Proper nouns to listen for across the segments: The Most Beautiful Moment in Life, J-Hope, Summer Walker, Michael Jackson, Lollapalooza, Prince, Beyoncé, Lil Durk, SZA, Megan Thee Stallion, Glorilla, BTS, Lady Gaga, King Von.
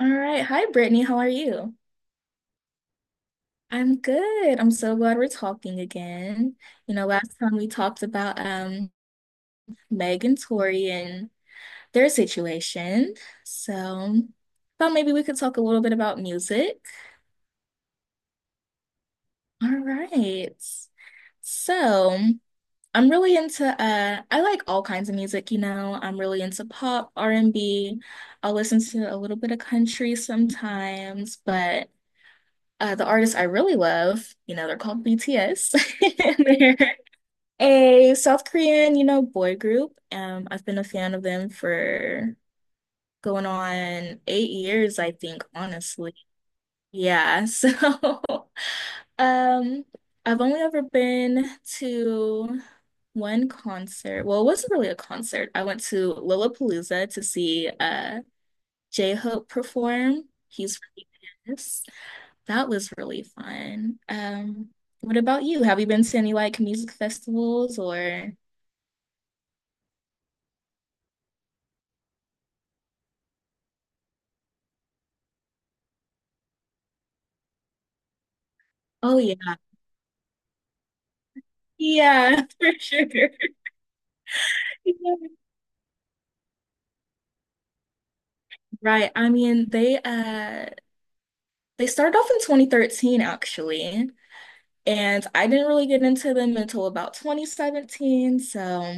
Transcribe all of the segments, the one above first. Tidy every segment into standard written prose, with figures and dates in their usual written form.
All right. Hi, Brittany. How are you? I'm good. I'm so glad we're talking again. You know, last time we talked about Meg and Tori and their situation. So thought maybe we could talk a little bit about music. All right. So I'm really into I like all kinds of music, you know. I'm really into pop, r and B. Will listen to a little bit of country sometimes, but the artist I really love, you know, they're called BTS. They're a South Korean, you know, boy group. I've been a fan of them for going on 8 years, I think, honestly. Yeah, so um, I've only ever been to one concert. Well, it wasn't really a concert. I went to Lollapalooza to see J-Hope perform. He's from BTS. That was really fun. What about you? Have you been to any like music festivals or? Oh yeah. Yeah, for sure. Yeah. Right. I mean, they they started off in 2013 actually, and I didn't really get into them until about 2017. So,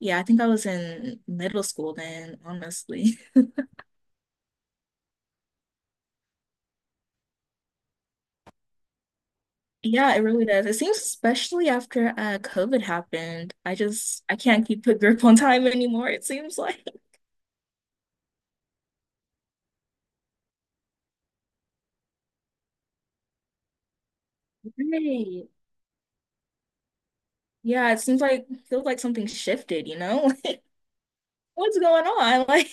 yeah, I think I was in middle school then, honestly. Yeah, it really does. It seems especially after COVID happened. I can't keep a grip on time anymore, it seems like. Right. Yeah, it seems like feels like something shifted, you know? Like, what's going on? Like,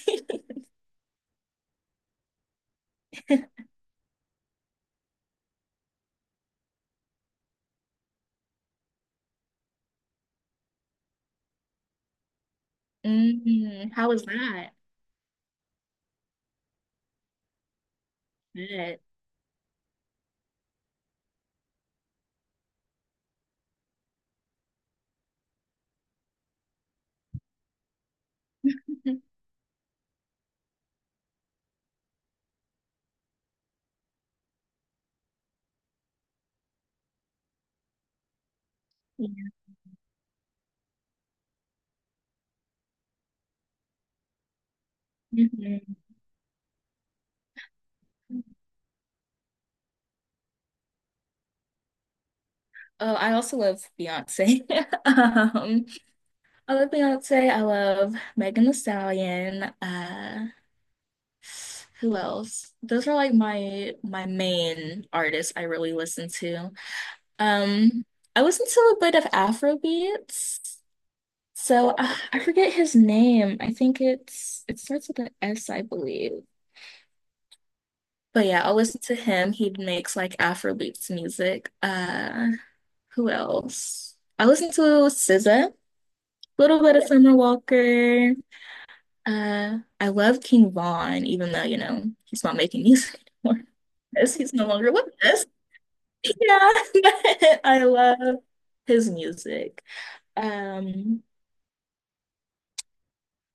mm, how was that? Shit. Mhm. Oh, I also love Beyonce. Um, I love Beyonce. I love Megan Thee Stallion. Who else? Those are like my main artists I really listen to. Um, I listen to a bit of Afro beats. So I forget his name. I think it starts with an S, I believe. But yeah, I'll listen to him. He makes like Afro music. Who else? I listen to SZA, little bit of Summer Walker. I love King Von, even though you know he's not making music anymore. Yes, he's no longer with us. Yeah, but I love his music. Um,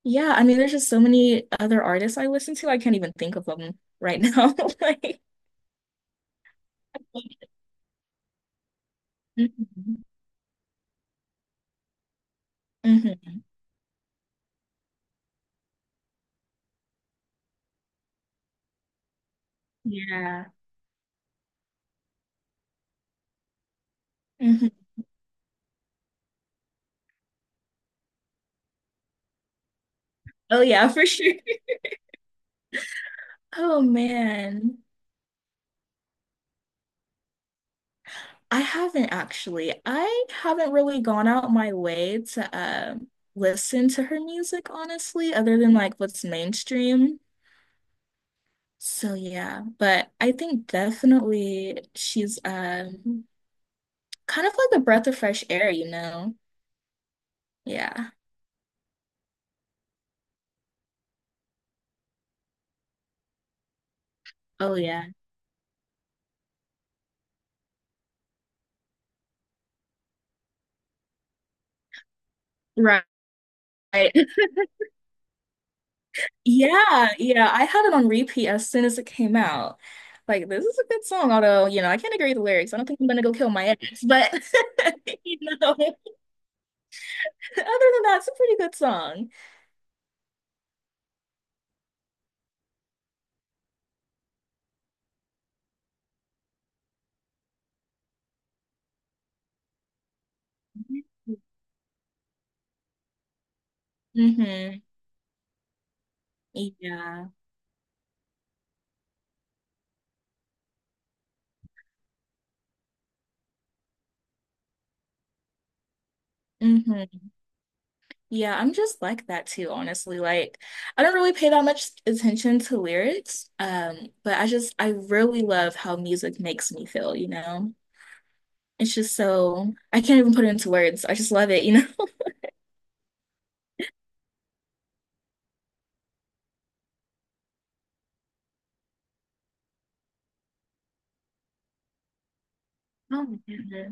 Yeah, I mean, there's just so many other artists I listen to. I can't even think of them right now. Like, Mhm. Mhm. Yeah. Mhm. Oh, yeah, for sure. Oh, man. I haven't actually. I haven't really gone out my way to listen to her music, honestly, other than like what's mainstream. So, yeah. But I think definitely she's kind of like a breath of fresh air, you know? Yeah. Oh, yeah. Right. Right. Yeah, yeah. I had it on repeat as soon as it came out. Like, this is a good song, although, you know, I can't agree with the lyrics. I don't think I'm gonna go kill my ex, but you know, other than that, it's a pretty good song. Mm-hmm. Yeah. Mm-hmm. Yeah, I'm just like that too, honestly. Like, I don't really pay that much attention to lyrics, but I really love how music makes me feel, you know? It's just so I can't even put it into words. I just love it, you know? Oh, yeah.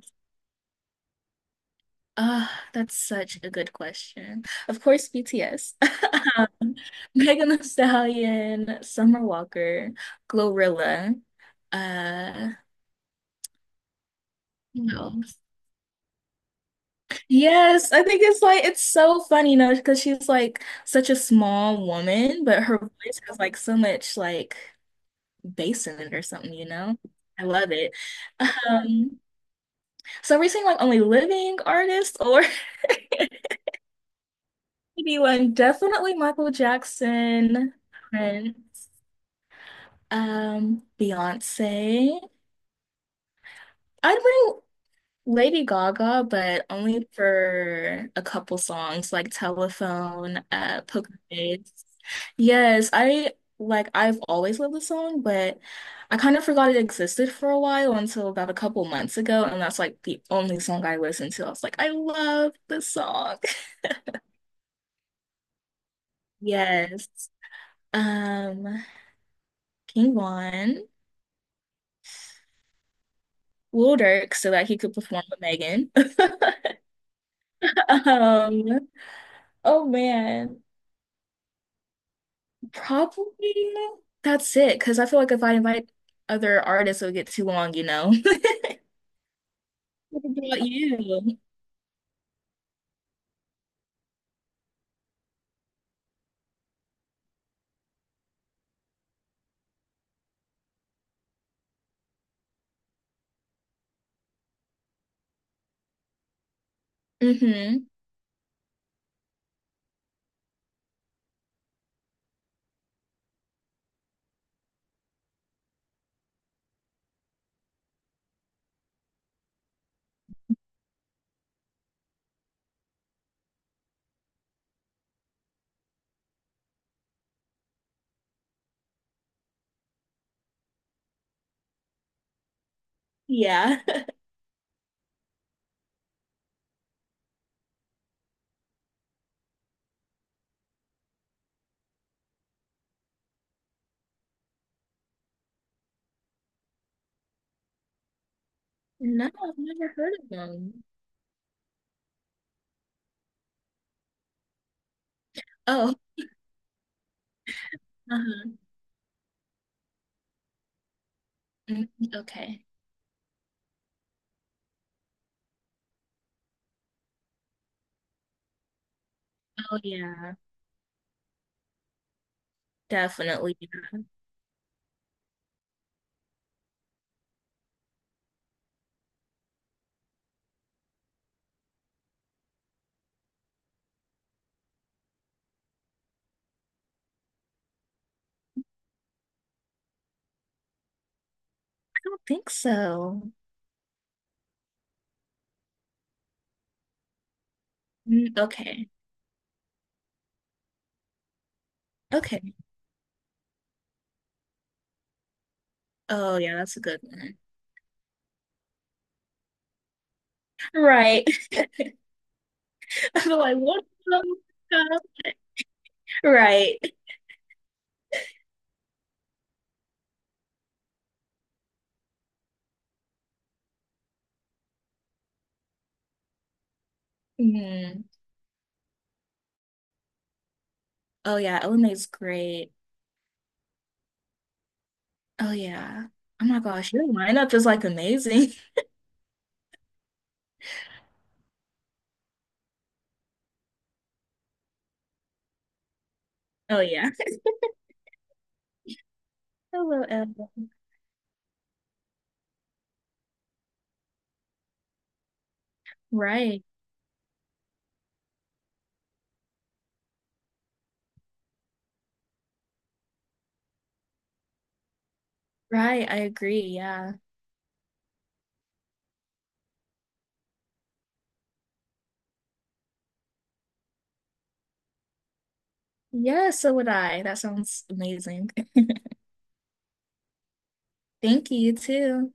Ah, that's such a good question. Of course, BTS, Megan Thee Stallion, Summer Walker, Glorilla. Uh, who Yes, I think it's like it's so funny, you know, because she's like such a small woman, but her voice has like so much like bass in it or something, you know? I love it. Um, so are we seeing like only living artists or maybe one definitely Michael Jackson, Prince. Beyonce. I'd bring Lady Gaga, but only for a couple songs like Telephone, Poker Face. Yes, I like I've always loved the song, but I kind of forgot it existed for a while until about a couple months ago, and that's like the only song I listened to. I was like, I love this song. Yes. Um, King Von, Lil Durk so that he could perform with Megan. Um, oh man, probably that's it. Because I feel like if I invite other artists, it'll get too long, you know. What about you? Mm-hmm. Yeah. No, I've never heard of them. Oh, uh-huh. Mm, okay. Oh yeah, definitely. I don't think so. Mm, okay. Okay. Oh yeah, that's a good one. Right. I feel like what? Right. Mm. Oh yeah, Elena's great. Oh yeah. Oh my gosh, your lineup is like amazing. Oh yeah. Hello, Ella. Right. Right. I agree. Yeah. Yeah, so would I. That sounds amazing. Thank you too.